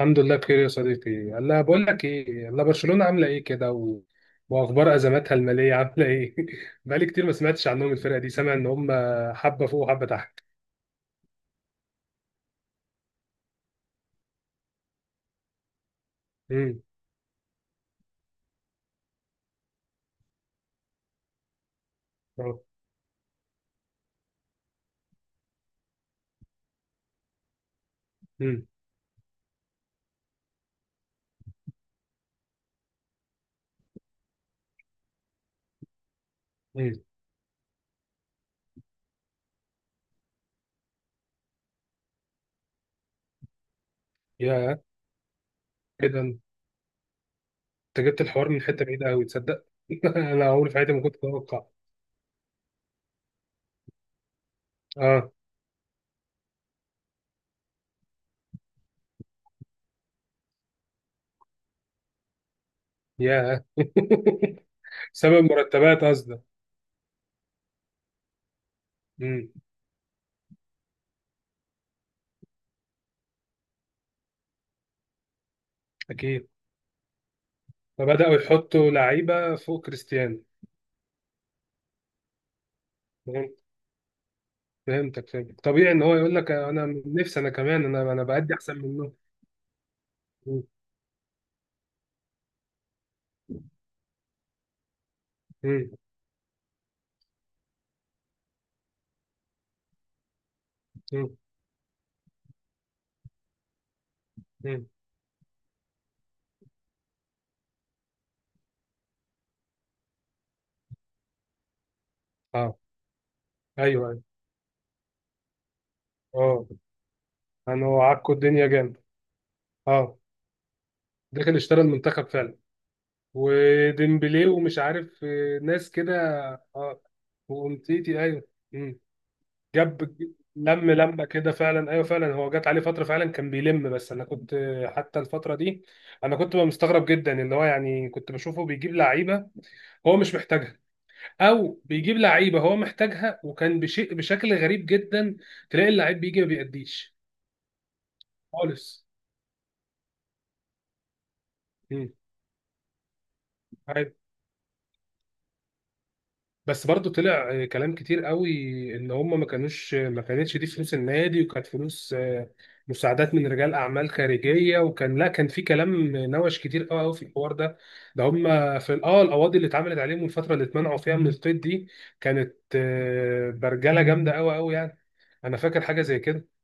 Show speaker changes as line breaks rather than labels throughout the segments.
الحمد لله بخير يا صديقي. هلا بقول لك ايه، هلا برشلونة عامله ايه كده واخبار ازماتها الماليه عامله ايه؟ بقالي كتير ما سمعتش عنهم، الفرقه دي سامع ان هم حبه فوق وحبه تحت. امم أه. امم امم يا كده انت جبت الحوار من حته بعيده قوي، تصدق؟ انا عمري في حياتي ما كنت اتوقع. اه. يا. سبب مرتبات قصدك؟ امم اكيد. فبداوا يحطوا لعيبه فوق كريستيانو. فهمتك فهمتك، طبيعي ان هو يقول لك انا نفسي، انا كمان، انا بأدي احسن منه. مم. مم. مم. مم. اه. ايوه ايوه. اه. انا هو عكوا الدنيا جامد. اه. داخل اشترى المنتخب فعلا. وديمبلي ومش عارف ناس كده. اه. وامتيتي، ايوه. مم. جاب. لم لمه كده فعلا، ايوه فعلا، هو جات عليه فتره فعلا كان بيلم. بس انا كنت حتى الفتره دي انا كنت بقى مستغرب جدا. اللي هو يعني كنت بشوفه بيجيب لعيبه هو مش محتاجها، او بيجيب لعيبه هو محتاجها وكان بشيء بشكل غريب جدا. تلاقي اللعيب بيجي ما بيأديش خالص. مم. عادي. بس برضو طلع كلام كتير قوي ان هم ما كانتش دي فلوس النادي، وكانت فلوس مساعدات من رجال اعمال خارجيه، وكان، لا، كان في كلام نوش كتير قوي قوي في الحوار ده. ده هم في اه القواضي اللي اتعملت عليهم والفتره اللي اتمنعوا فيها من القيد دي، كانت برجله جامده قوي قوي يعني. انا فاكر حاجه زي كده.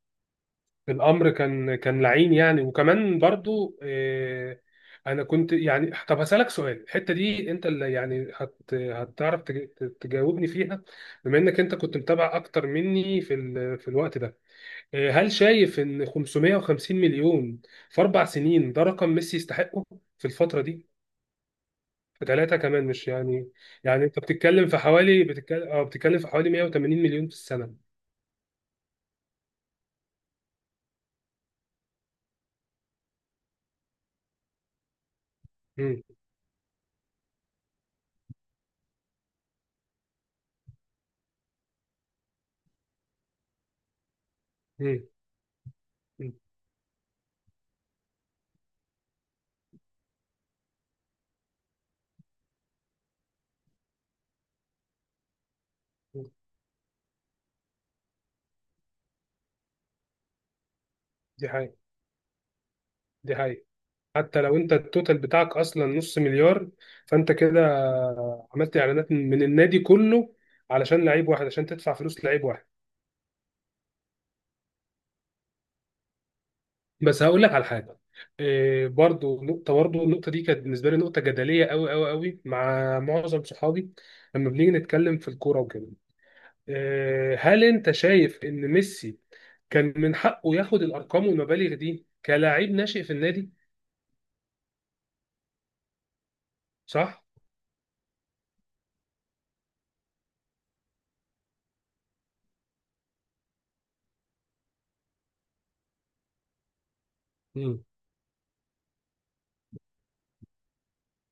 الامر كان لعين يعني، وكمان برضو انا كنت يعني، طب هسالك سؤال الحته دي انت اللي يعني هتعرف تجاوبني فيها. بما انك انت كنت متابع اكتر مني في في الوقت ده، هل شايف ان 550 مليون في 4 سنين ده رقم ميسي يستحقه في الفتره دي؟ في 3 كمان، مش يعني، يعني انت بتتكلم في حوالي، بتتكلم، اه، بتتكلم في حوالي 180 مليون في السنه. امم امم دي حقيقه، دي حقيقه. حتى لو انت التوتال بتاعك اصلا نص مليار، فانت كده عملت اعلانات من النادي كله علشان لعيب واحد، عشان تدفع فلوس لعيب واحد. بس هقول لك على حاجه. إيه، برضو نقطه، برضو النقطه دي كانت بالنسبه لي نقطه جدليه قوي قوي قوي مع معظم صحابي لما بنيجي نتكلم في الكوره وكده. إيه، هل انت شايف ان ميسي كان من حقه ياخد الارقام والمبالغ دي كلاعب ناشئ في النادي؟ صح.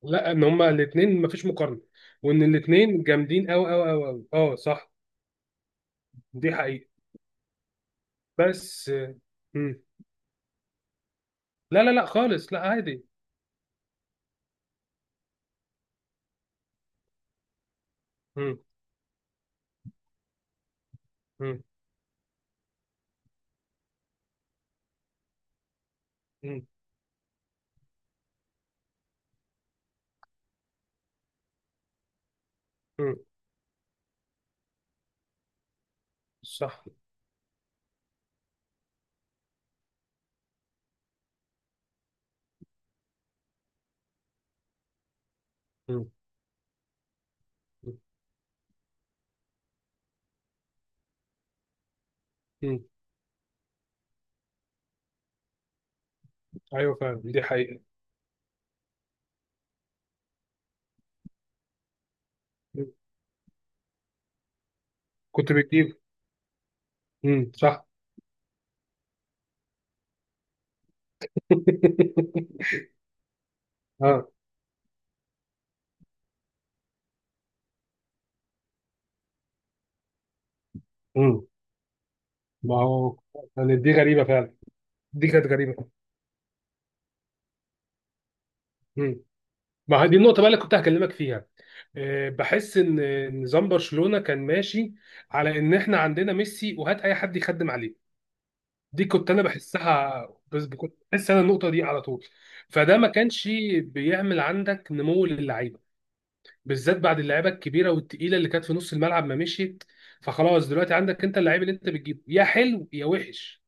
لا، ان هما الاثنين مفيش مقارنه، وان الاثنين جامدين قوي قوي قوي قوي. اه صح، دي حقيقه. بس. مم. لا خالص، لا عادي. مم. مم. مم. مم. صح. مم. مم. ايوه فعلا، دي حقيقه. مم. كنت بتجيب. مم. صح. اه. مم. ما هو يعني دي غريبه فعلا، دي كانت غريبه. مم. ما هي دي النقطة بقى اللي كنت هكلمك فيها. بحس ان نظام برشلونة كان ماشي على ان احنا عندنا ميسي وهات اي حد يخدم عليه. دي كنت انا بحسها، بس كنت بحس انا النقطة دي على طول. فده ما كانش بيعمل عندك نمو للعيبة، بالذات بعد اللعيبة الكبيرة والتقيلة اللي كانت في نص الملعب ما مشيت. فخلاص دلوقتي عندك انت اللعيب اللي انت بتجيبه يا حلو يا وحش،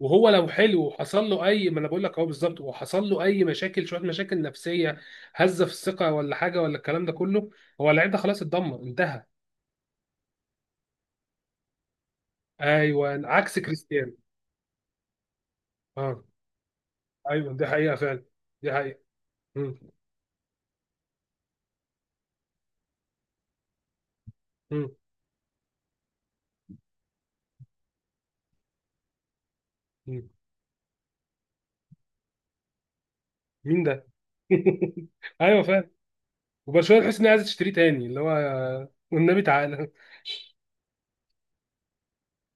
وهو لو حلو وحصل له اي، ما انا بقول لك اهو بالظبط، وحصل له اي مشاكل شويه، مشاكل نفسيه، هزه في الثقه ولا حاجه ولا الكلام ده كله، هو اللعيب ده خلاص اتدمر انتهى. ايوه، عكس كريستيانو. اه ايوه، دي حقيقه فعلا، دي حقيقه. مم. مم. مم. مين ده؟ ايوه فعلا. وبرشلونه تحس انها عايزه تشتريه تاني، اللي هو والنبي تعالى.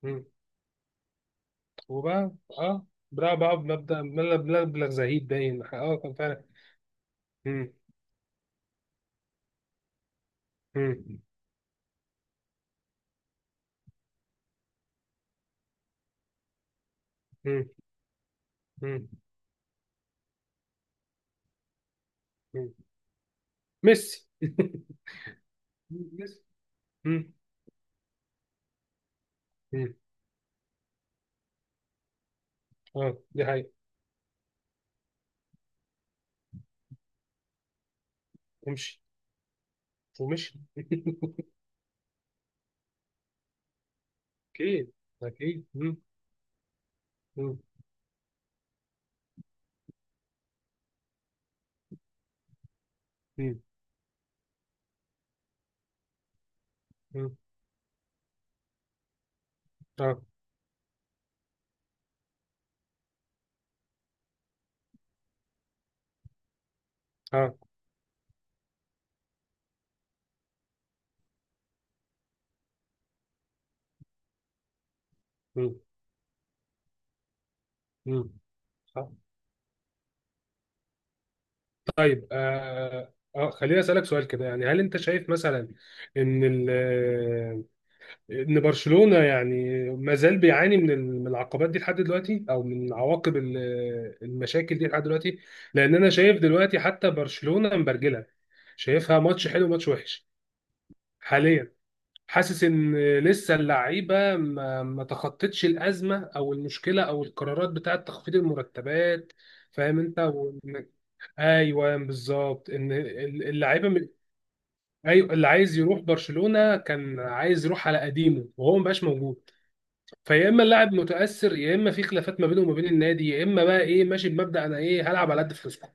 مم. وبقى، اه، بقى بمبدا مبلغ، مبلغ زهيد، باين اه كان فعلا. مم. مم. مم. مم. مم. ميسي. مم. مم. اه دي حقيقة. امشي. ومشي. اكيد، اكيد. مم. مم. مم. مم. اه اه. مم. مم. آه. طيب، اه اه، خليني اسالك سؤال كده. يعني هل انت شايف مثلا ان ان برشلونة يعني ما زال بيعاني من من العقبات دي لحد دلوقتي، او من عواقب المشاكل دي لحد دلوقتي؟ لان انا شايف دلوقتي حتى برشلونة مبرجلة، شايفها ماتش حلو ماتش وحش حاليا. حاسس ان لسه اللعيبه ما تخطتش الازمه او المشكله او القرارات بتاعه تخفيض المرتبات. فاهم انت وانك، ايوه بالظبط، ان اللعيبه ايوه، اللي عايز يروح برشلونه كان عايز يروح على قديمه وهو مبقاش موجود. فيا اما اللاعب متاثر، يا اما في خلافات ما بينه وما بين النادي، يا اما بقى ايه، ماشي بمبدا انا ايه هلعب على قد فلوسكم.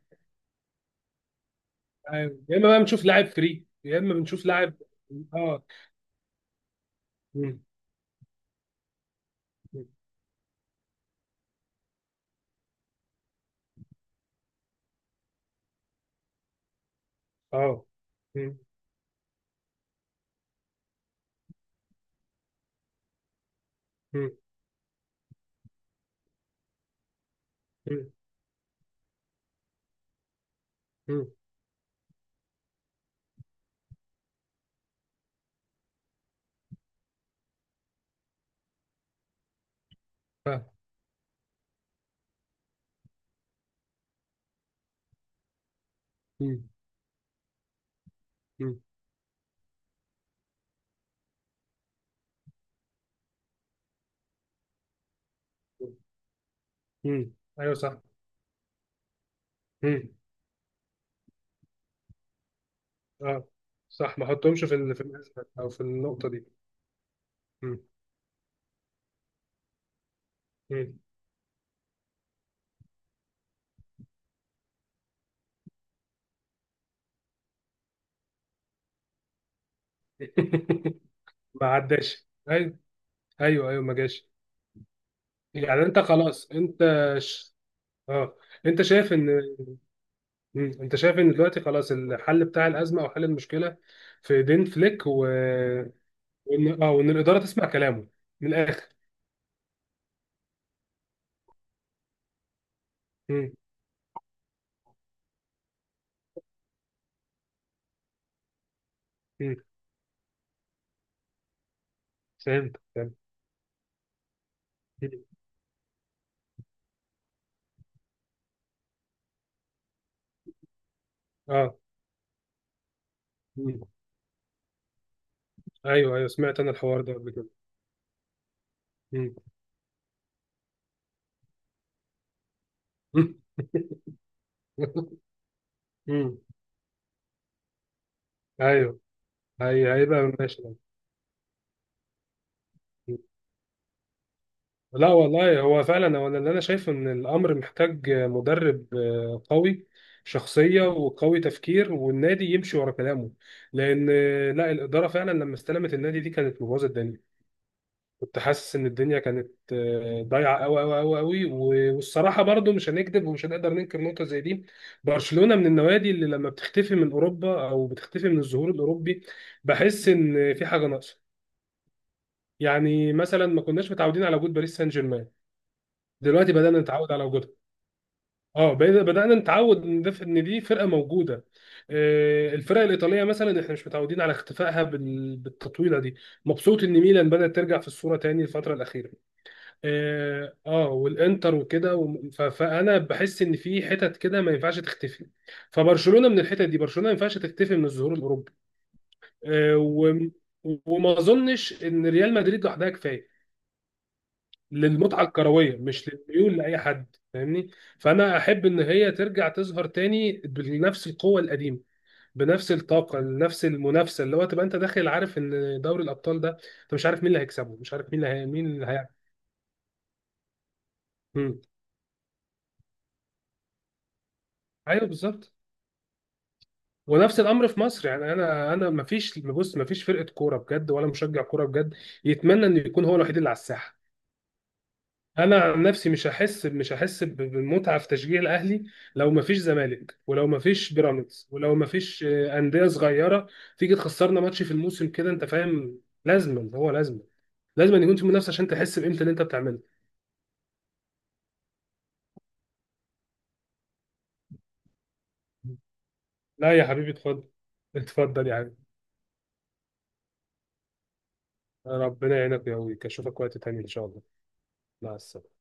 أيوة. يا اما بقى بنشوف لاعب فري، يا اما بنشوف لاعب. اه. مم. اه. مم. مم. مم. فاهم. مم. مم. مم. ايوه صح. مم. اه صح، ما احطهمش في في الازمه او في النقطه دي. مم. مم. ما عداش، ايوه ايوه ايوه، ما جاش. يعني انت خلاص انت ش... اه، انت شايف ان، مم، انت شايف ان دلوقتي خلاص الحل بتاع الازمه او حل المشكله في ايدين فليك وان اه وان الاداره تسمع كلامه من الاخر؟ مم. مم. فهمت. مم. اه. مم. ايوه ايوه، سمعت انا الحوار ده قبل كده. مم. مم. ايوه، هي هيبقى ماشي. لا والله، هو فعلا هو اللي انا شايفه ان الامر محتاج مدرب قوي شخصيه وقوي تفكير، والنادي يمشي ورا كلامه. لان لا الاداره فعلا لما استلمت النادي دي كانت مبوظه الدنيا. كنت حاسس ان الدنيا كانت ضايعه قوي قوي قوي قوي. والصراحه برضو، مش هنكذب ومش هنقدر ننكر نقطه زي دي، برشلونه من النوادي اللي لما بتختفي من اوروبا او بتختفي من الظهور الاوروبي بحس ان في حاجه ناقصه. يعني مثلا ما كناش متعودين على وجود باريس سان جيرمان، دلوقتي بدأنا نتعود على وجودها. اه، بقينا، بدأنا نتعود ان ده، ان دي فرقة موجودة. الفرق الإيطالية مثلا احنا مش متعودين على اختفائها بالتطويلة دي. مبسوط ان ميلان بدأت ترجع في الصورة تاني الفترة الأخيرة. اه، والإنتر وكده فأنا بحس ان في حتت كده ما ينفعش تختفي. فبرشلونة من الحتت دي، برشلونة ما ينفعش تختفي من الظهور الأوروبي. آه، و- وما اظنش ان ريال مدريد لوحدها كفايه للمتعه الكرويه، مش للميول لاي حد فاهمني. فانا احب ان هي ترجع تظهر تاني بنفس القوه القديمه، بنفس الطاقه، نفس المنافسه، اللي هو تبقى انت داخل عارف ان دوري الابطال ده انت مش عارف مين اللي هيكسبه، مش عارف مين اللي مين اللي هيعمل. مم. ايوه بالظبط. ونفس الامر في مصر يعني. انا ما فيش، بص، ما فيش فرقه كوره بجد ولا مشجع كوره بجد يتمنى انه يكون هو الوحيد اللي على الساحه. انا عن نفسي مش هحس، مش هحس بالمتعه في تشجيع الاهلي لو ما فيش زمالك، ولو ما فيش بيراميدز، ولو ما فيش انديه صغيره تيجي تخسرنا ماتش في الموسم كده، انت فاهم. لازما، هو لازما، لازما يكون في منافسه عشان تحس بقيمه اللي انت بتعمله. لا يا حبيبي اتفضل، اتفضل يا حبيبي. ربنا يعينك يا ويك، اشوفك وقت تاني ان شاء الله. مع السلامه.